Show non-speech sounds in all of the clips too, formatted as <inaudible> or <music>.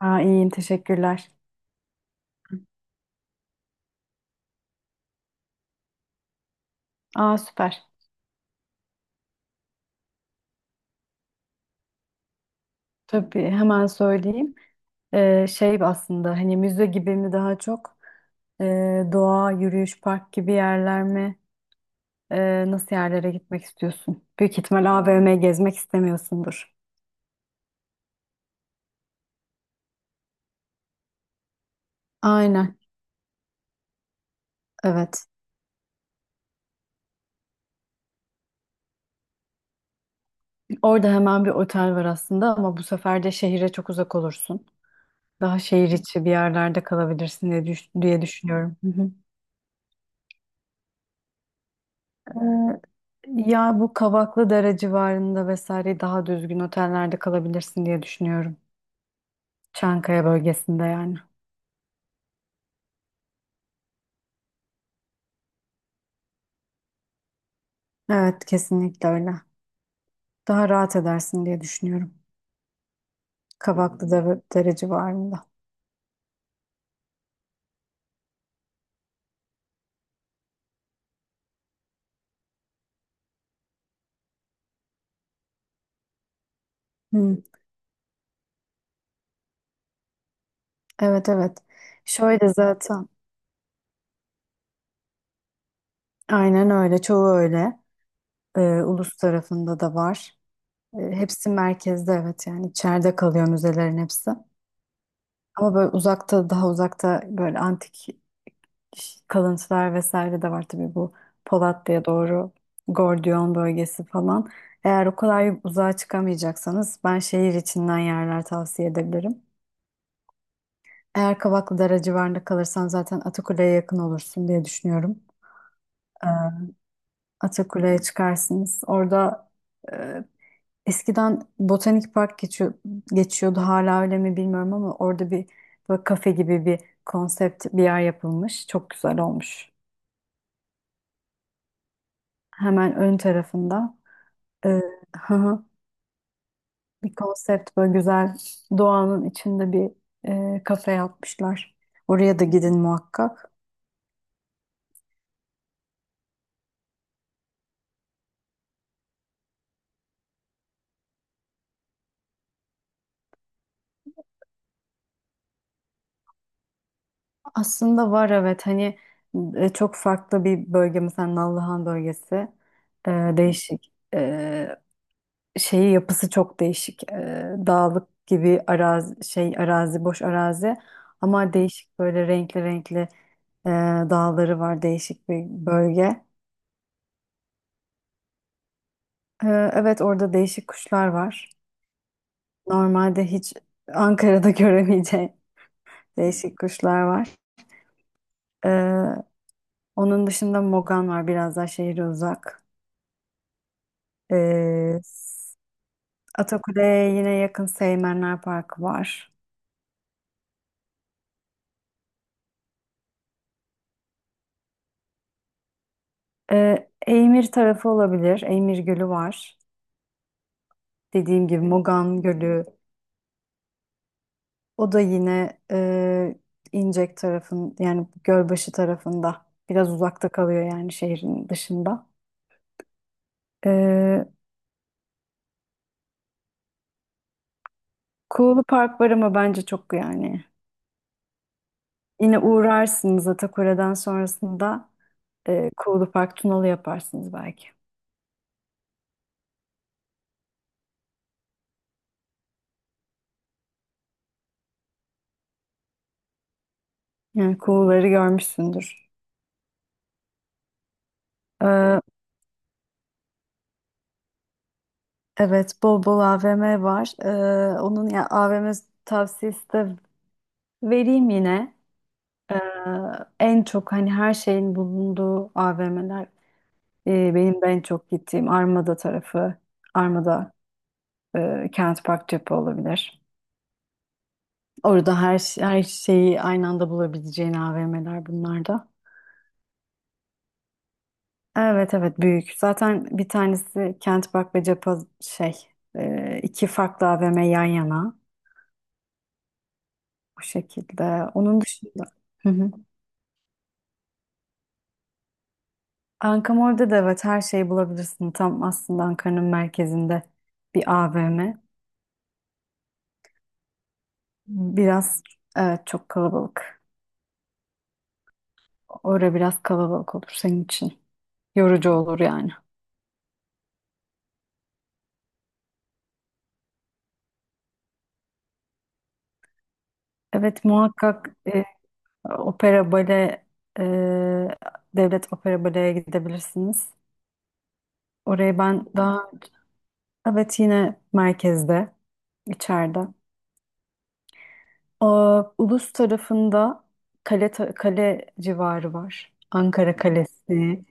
İyiyim teşekkürler. Süper. Tabii hemen söyleyeyim. Şey, aslında hani müze gibi mi daha çok? Doğa, yürüyüş, park gibi yerler mi? Nasıl yerlere gitmek istiyorsun? Büyük ihtimal AVM gezmek istemiyorsundur. Aynen, evet. Orada hemen bir otel var aslında, ama bu sefer de şehire çok uzak olursun. Daha şehir içi bir yerlerde kalabilirsin diye, diye düşünüyorum. Ee, Ya bu Kavaklıdere civarında vesaire daha düzgün otellerde kalabilirsin diye düşünüyorum. Çankaya bölgesinde, yani. Evet, kesinlikle öyle. Daha rahat edersin diye düşünüyorum. Kavaklıdere civarında. Hı, evet, evet. Şöyle zaten. Aynen öyle. Çoğu öyle. Ulus tarafında da var. Hepsi merkezde, evet, yani içeride kalıyor müzelerin hepsi. Ama böyle uzakta, daha uzakta, böyle antik kalıntılar vesaire de var tabii, bu Polatlı'ya doğru Gordiyon bölgesi falan. Eğer o kadar uzağa çıkamayacaksanız, ben şehir içinden yerler tavsiye edebilirim. Eğer Kavaklıdere civarında kalırsan zaten Atakule'ye yakın olursun diye düşünüyorum. Ee, Atakule'ye çıkarsınız. Orada, e, eskiden Botanik Park geçiyor, geçiyordu, hala öyle mi bilmiyorum, ama orada bir böyle kafe gibi bir konsept bir yer yapılmış. Çok güzel olmuş. Hemen ön tarafında. Ee, hı hı. Bir konsept böyle güzel, doğanın içinde bir kafe yapmışlar. Oraya da gidin muhakkak. Aslında var, evet, hani çok farklı bir bölge, mesela Nallıhan bölgesi. Ee, Değişik. Şeyi, yapısı çok değişik. Dağlık gibi arazi, şey arazi, boş arazi, ama değişik, böyle renkli renkli e, dağları var, değişik bir bölge. Ee, evet, orada değişik kuşlar var. Normalde hiç Ankara'da <laughs> göremeyeceğin değişik kuşlar var. Ee, Onun dışında Mogan var, biraz daha şehre uzak. Ee, Atakule'ye yine yakın Seymenler Parkı var. Eymir tarafı olabilir. Eymir Gölü var. Dediğim gibi Mogan Gölü. O da yine İncek tarafın, yani Gölbaşı tarafında. Biraz uzakta kalıyor, yani şehrin dışında. Ee, Kuğulu Park var ama bence çok, yani. Yine uğrarsınız Atakure'den sonrasında Kuğulu Park, Tunalı yaparsınız belki. Yani Kuğuları görmüşsündür. Ee, evet, bol bol AVM var. Onun, ya AVM tavsiyesi de vereyim yine. Ee, En çok hani her şeyin bulunduğu AVM'ler, benim de en çok gittiğim Armada tarafı. Armada, Kent Park, Cephe olabilir. Orada her şeyi aynı anda bulabileceğin AVM'ler bunlar da. Evet, evet, büyük. Zaten bir tanesi Kent Park ve Cephe, şey, iki farklı AVM yan yana bu şekilde. Onun dışında. Hı hı. Ankamol'de de evet her şeyi bulabilirsin. Tam aslında Ankara'nın merkezinde bir AVM. Biraz, evet, çok kalabalık. Orada biraz kalabalık olur senin için. Yorucu olur, yani. Evet, muhakkak opera bale, e, devlet opera baleye gidebilirsiniz. Orayı ben daha. Evet, yine merkezde, içeride. Ulus tarafında kale, kale civarı var. Ankara Kalesi.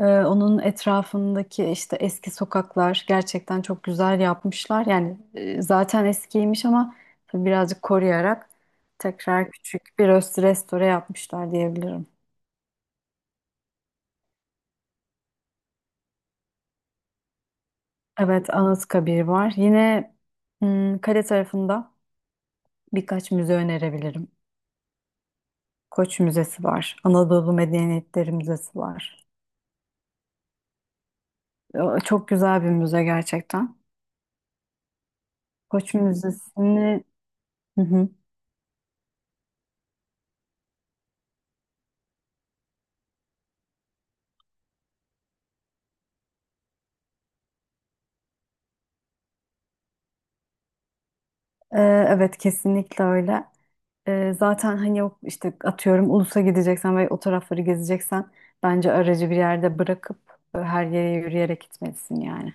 Onun etrafındaki işte eski sokaklar gerçekten çok güzel yapmışlar. Yani zaten eskiymiş ama tabii birazcık koruyarak tekrar küçük bir restore yapmışlar diyebilirim. Evet, Anıtkabir var. Yine, kale tarafında birkaç müze önerebilirim. Koç Müzesi var. Anadolu Medeniyetleri Müzesi var. Çok güzel bir müze gerçekten. Koç Müzesi'ni. Hı hı. Ee, evet, kesinlikle öyle. Zaten hani yok işte, atıyorum Ulus'a gideceksen ve o tarafları gezeceksen bence aracı bir yerde bırakıp her yere yürüyerek gitmelisin, yani.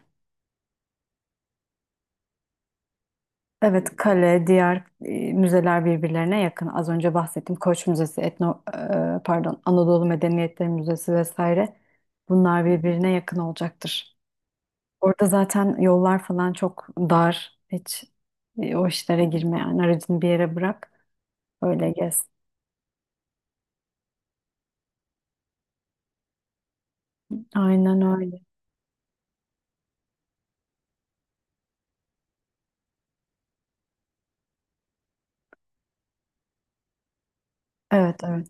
Evet kale, diğer müzeler birbirlerine yakın. Az önce bahsettiğim Koç Müzesi, pardon, Anadolu Medeniyetleri Müzesi vesaire. Bunlar birbirine yakın olacaktır. Orada zaten yollar falan çok dar. Hiç o işlere girme, yani aracını bir yere bırak, öyle gez. Aynen öyle. Evet, evet.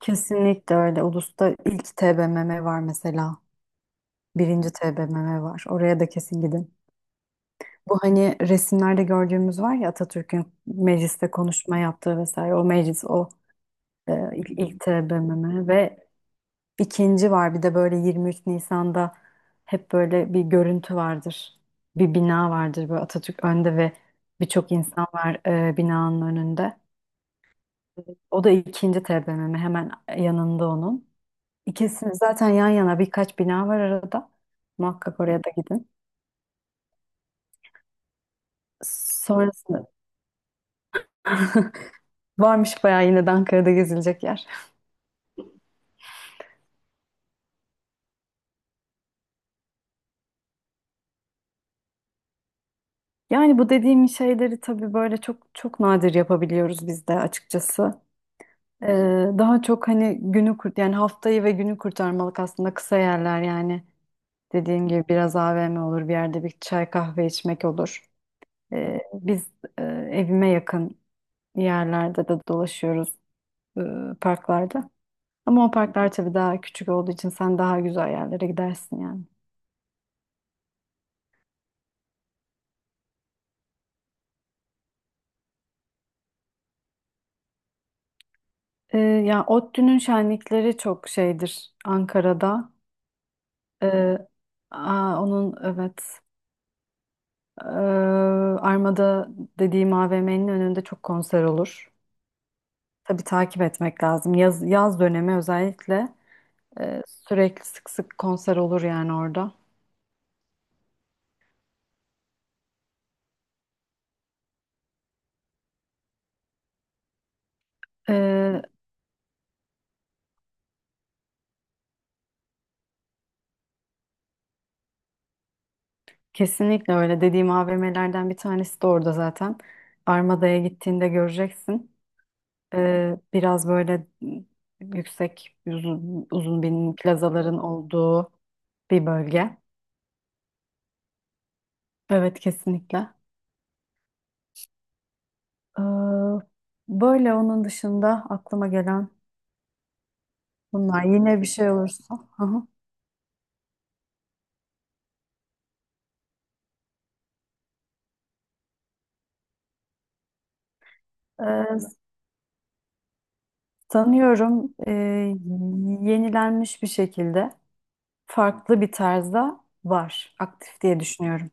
Kesinlikle öyle. Ulus'ta ilk TBMM var mesela. Birinci TBMM var. Oraya da kesin gidin. Bu hani resimlerde gördüğümüz var ya, Atatürk'ün mecliste konuşma yaptığı vesaire. O meclis, o ilk TBMM ve. İkinci var, bir de böyle 23 Nisan'da hep böyle bir görüntü vardır. Bir bina vardır böyle, Atatürk önde ve birçok insan var binanın önünde. O da ikinci TBMM, hemen yanında onun. İkisini zaten yan yana, birkaç bina var arada. Muhakkak oraya da gidin. Sonrasında <laughs> varmış bayağı yine de Ankara'da gezilecek yer. Yani bu dediğim şeyleri tabii böyle çok çok nadir yapabiliyoruz biz de, açıkçası. Ee, Daha çok hani, günü kurt yani haftayı ve günü kurtarmalık aslında, kısa yerler, yani dediğim gibi biraz AVM olur, bir yerde bir çay kahve içmek olur. Biz e, evime yakın yerlerde de dolaşıyoruz, e, parklarda. Ama o parklar tabii daha küçük olduğu için sen daha güzel yerlere gidersin, yani. Ya ODTÜ'nün şenlikleri çok şeydir Ankara'da. Ee, Onun, evet. Ee, Armada dediğim AVM'nin önünde çok konser olur. Tabii takip etmek lazım. Yaz dönemi özellikle sürekli sık sık konser olur, yani orada. Ee, Kesinlikle öyle. Dediğim AVM'lerden bir tanesi de orada zaten. Armada'ya gittiğinde göreceksin. Biraz böyle yüksek, uzun, uzun bin plazaların olduğu bir bölge. Evet kesinlikle. Ee, Böyle onun dışında aklıma gelen. Bunlar yine bir şey olursa. Hı hı. Ee, Sanıyorum yenilenmiş bir şekilde farklı bir tarzda var. Aktif diye düşünüyorum.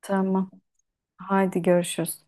Tamam. Haydi görüşürüz.